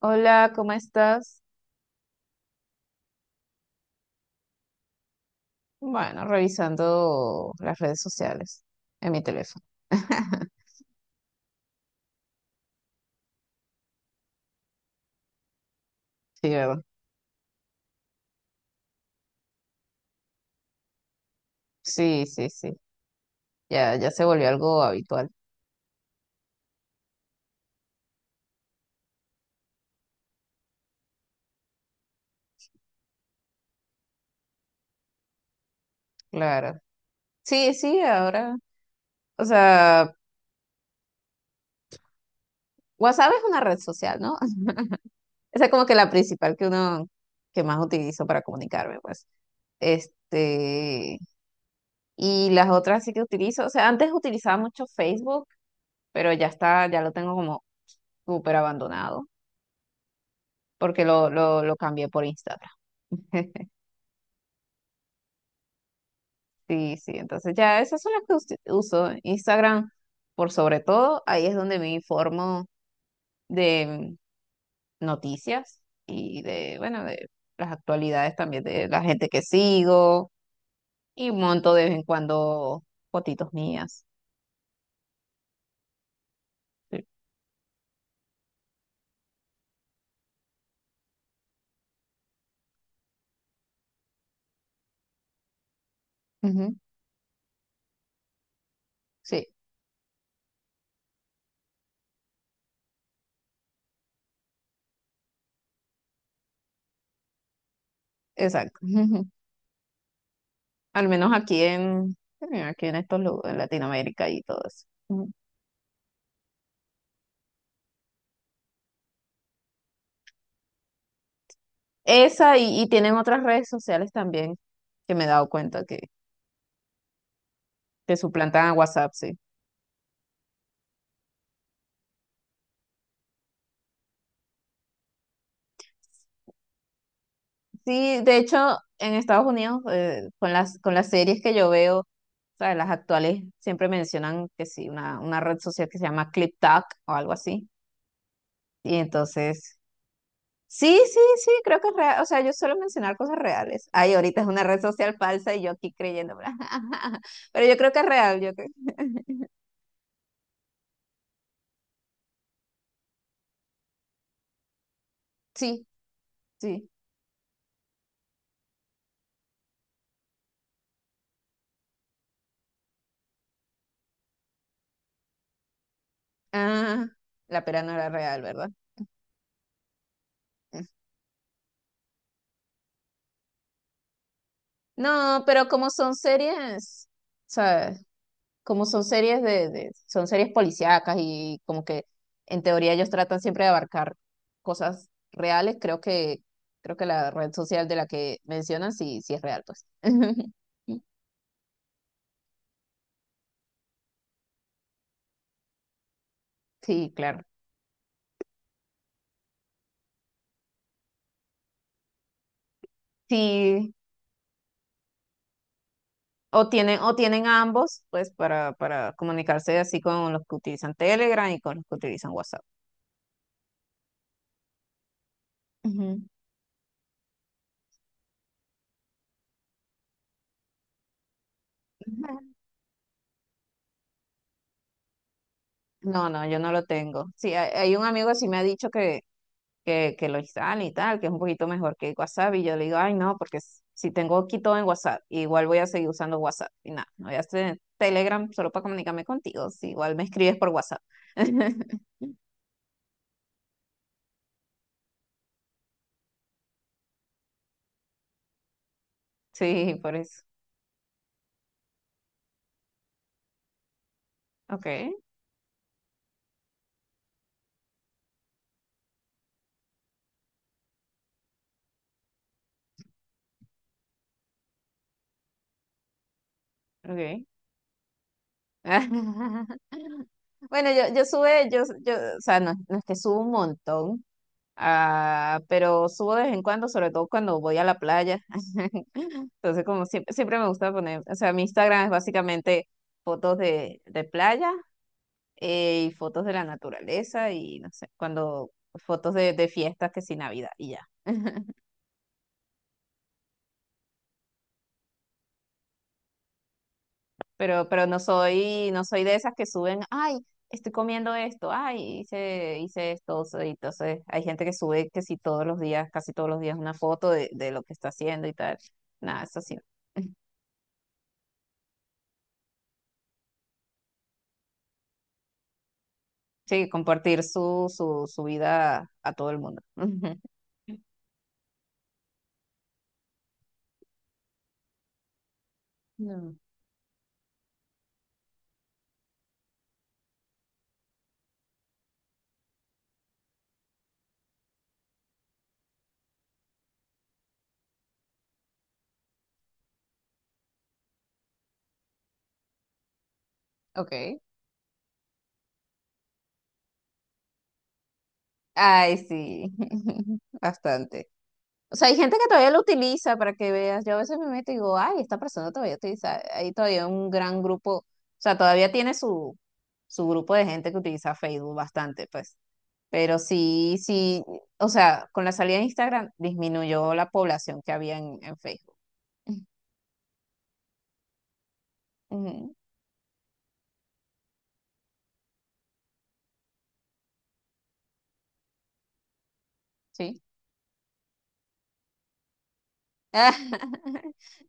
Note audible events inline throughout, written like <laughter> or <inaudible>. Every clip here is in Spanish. Hola, ¿cómo estás? Bueno, revisando las redes sociales en mi teléfono. <laughs> Sí, ¿verdad? Sí, sí, sí. Ya, ya se volvió algo habitual, claro. Sí, sí, ahora. O sea, WhatsApp es una red social, ¿no? <laughs> Esa es como que la principal que más utilizo para comunicarme, pues. Este, y las otras sí que utilizo. O sea, antes utilizaba mucho Facebook, pero ya está, ya lo tengo como súper abandonado, porque lo cambié por Instagram. <laughs> Sí, sí, entonces ya esas son las que uso. Instagram, por sobre todo, ahí es donde me informo de noticias y bueno, de las actualidades también de la gente que sigo y monto de vez en cuando fotitos mías. Sí, ujú, sí, exacto. <laughs> Al menos aquí en estos lugares, en Latinoamérica y todo eso. Ujú. Esa y tienen otras redes sociales también que me he dado cuenta que suplantan a WhatsApp, sí. Sí, de hecho, en Estados Unidos, con las series que yo veo, o sea, las actuales siempre mencionan que sí, una red social que se llama ClipTalk o algo así. Y entonces, sí, sí, sí, creo que es real. O sea, yo suelo mencionar cosas reales. Ay, ahorita es una red social falsa y yo aquí creyendo. <laughs> Pero yo creo que es real, yo creo. Sí, sí. Ah, la pera no era real, ¿verdad? No, pero como son series, ¿sabes? Como son series son series policíacas y como que en teoría ellos tratan siempre de abarcar cosas reales, creo que la red social de la que mencionan sí, sí es real, pues. <laughs> Sí, claro. Sí, o tienen ambos, pues, para comunicarse así con los que utilizan Telegram y con los que utilizan WhatsApp. Ujú. No, no, yo no lo tengo. Sí, hay un amigo que sí me ha dicho que lo instale y tal, que es un poquito mejor que WhatsApp. Y yo le digo, ay, no, porque si tengo aquí todo en WhatsApp, igual voy a seguir usando WhatsApp. Y nada, no voy a hacer Telegram solo para comunicarme contigo. Si igual me escribes por WhatsApp. <laughs> Sí, por eso. Ok, ok. <laughs> Bueno, yo, o sea, no, no es que subo un montón, ah, pero subo de vez en cuando, sobre todo cuando voy a la playa. <laughs> Entonces, como siempre, siempre me gusta poner, o sea, mi Instagram es básicamente fotos de playa y fotos de la naturaleza y no sé, cuando fotos de fiestas que sí Navidad y ya. <laughs> Pero no soy de esas que suben, ay, estoy comiendo esto, ay, hice esto. O sea, y entonces hay gente que sube que sí todos los días, casi todos los días una foto de lo que está haciendo y tal. Nada, eso sí. <laughs> Sí, compartir su vida a todo el mundo. <laughs> No. Ok. Ay, sí, <laughs> bastante. O sea, hay gente que todavía lo utiliza para que veas. Yo a veces me meto y digo, ay, esta persona todavía utiliza. Hay todavía un gran grupo, o sea, todavía tiene su grupo de gente que utiliza Facebook bastante, pues. Pero sí, sí, o sea, con la salida de Instagram disminuyó la población que había en Facebook. <laughs> Ujú, sí. <laughs>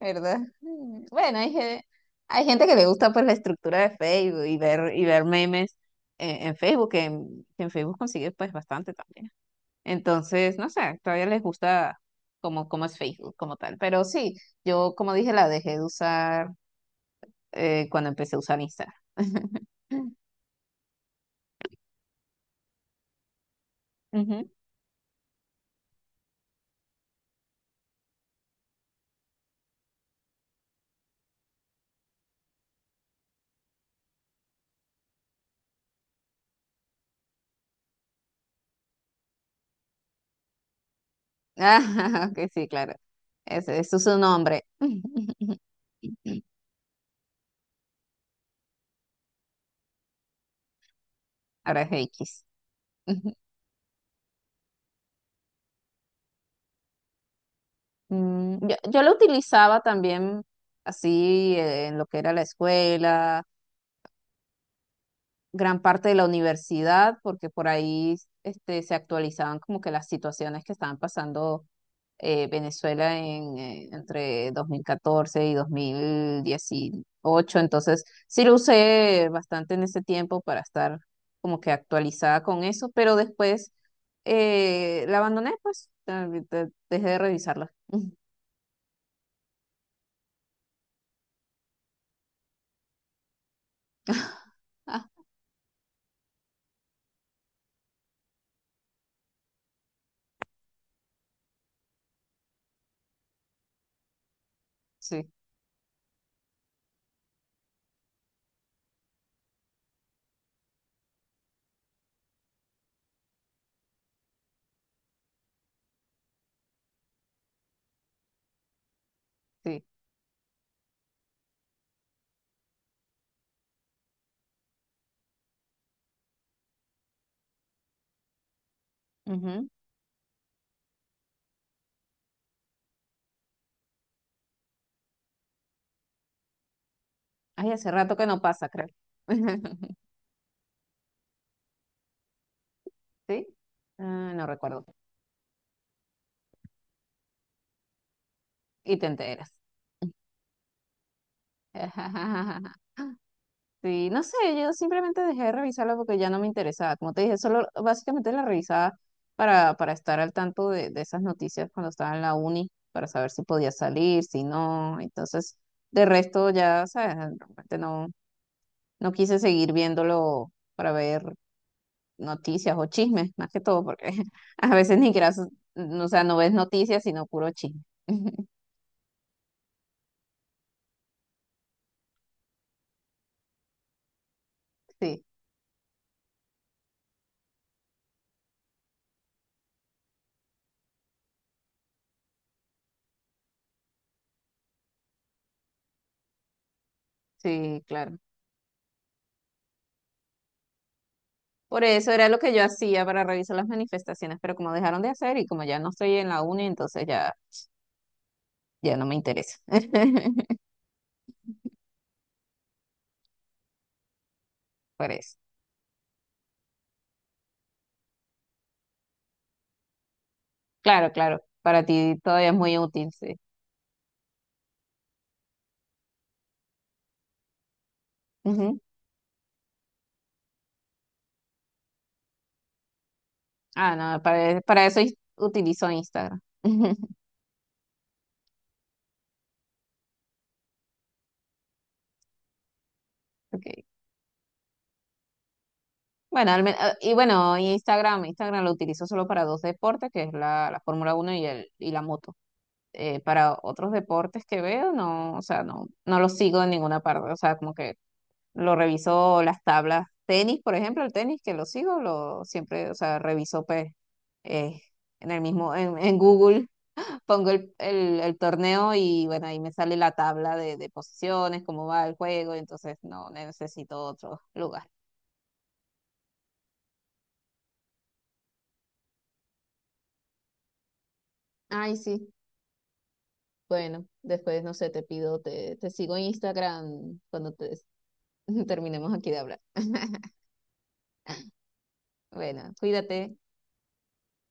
¿Verdad? Bueno, hay gente que le gusta pues la estructura de Facebook y ver memes en Facebook, que en Facebook consigue pues bastante también. Entonces, no sé, todavía les gusta como es Facebook como tal. Pero sí, yo como dije, la dejé de usar cuando empecé a usar Instagram. <laughs> Ujú. Ah, <laughs> que sí, claro. Ese es su nombre. <laughs> Ahora es X. <laughs> Yo lo utilizaba también así en lo que era la escuela, gran parte de la universidad, porque por ahí se actualizaban como que las situaciones que estaban pasando Venezuela entre 2014 y 2018. Entonces, sí lo usé bastante en ese tiempo para estar como que actualizada con eso, pero después la abandoné, pues, dejé de revisarla. <laughs> Ah, sí. Sí. Ujú. Ay, hace rato que no pasa, creo. <laughs> ¿Sí? Ah, no recuerdo. Y te enteras. <laughs> Sí, no sé, yo simplemente dejé de revisarla porque ya no me interesaba. Como te dije, solo básicamente la revisaba para estar al tanto de esas noticias cuando estaba en la uni, para saber si podía salir, si no. Entonces, de resto ya, ¿sabes? Realmente no, no quise seguir viéndolo para ver noticias o chismes, más que todo, porque <laughs> a veces ni siquiera, o sea, no ves noticias, sino puro chisme. <laughs> Sí, sí, claro. Por eso era lo que yo hacía para revisar las manifestaciones, pero como dejaron de hacer y como ya no estoy en la uni, entonces ya, ya no me interesa. <laughs> Por eso. Claro, claro. Para ti todavía es muy útil, sí. Ujú. Ah, no, para eso utilizo Instagram. <laughs> Okay. Bueno, y bueno, Instagram lo utilizo solo para dos deportes, que es la Fórmula 1 y la moto. Para otros deportes que veo, no, o sea, no, no lo sigo en ninguna parte, o sea, como que lo reviso las tablas, tenis, por ejemplo, el tenis que lo sigo, lo siempre, o sea, reviso pues eh, en Google, <laughs> pongo el torneo y bueno, ahí me sale la tabla de posiciones, cómo va el juego, y entonces no necesito otro lugar. Ay, sí. Bueno, después, no sé, te sigo en Instagram cuando <laughs> terminemos aquí de hablar. <laughs> Bueno, cuídate.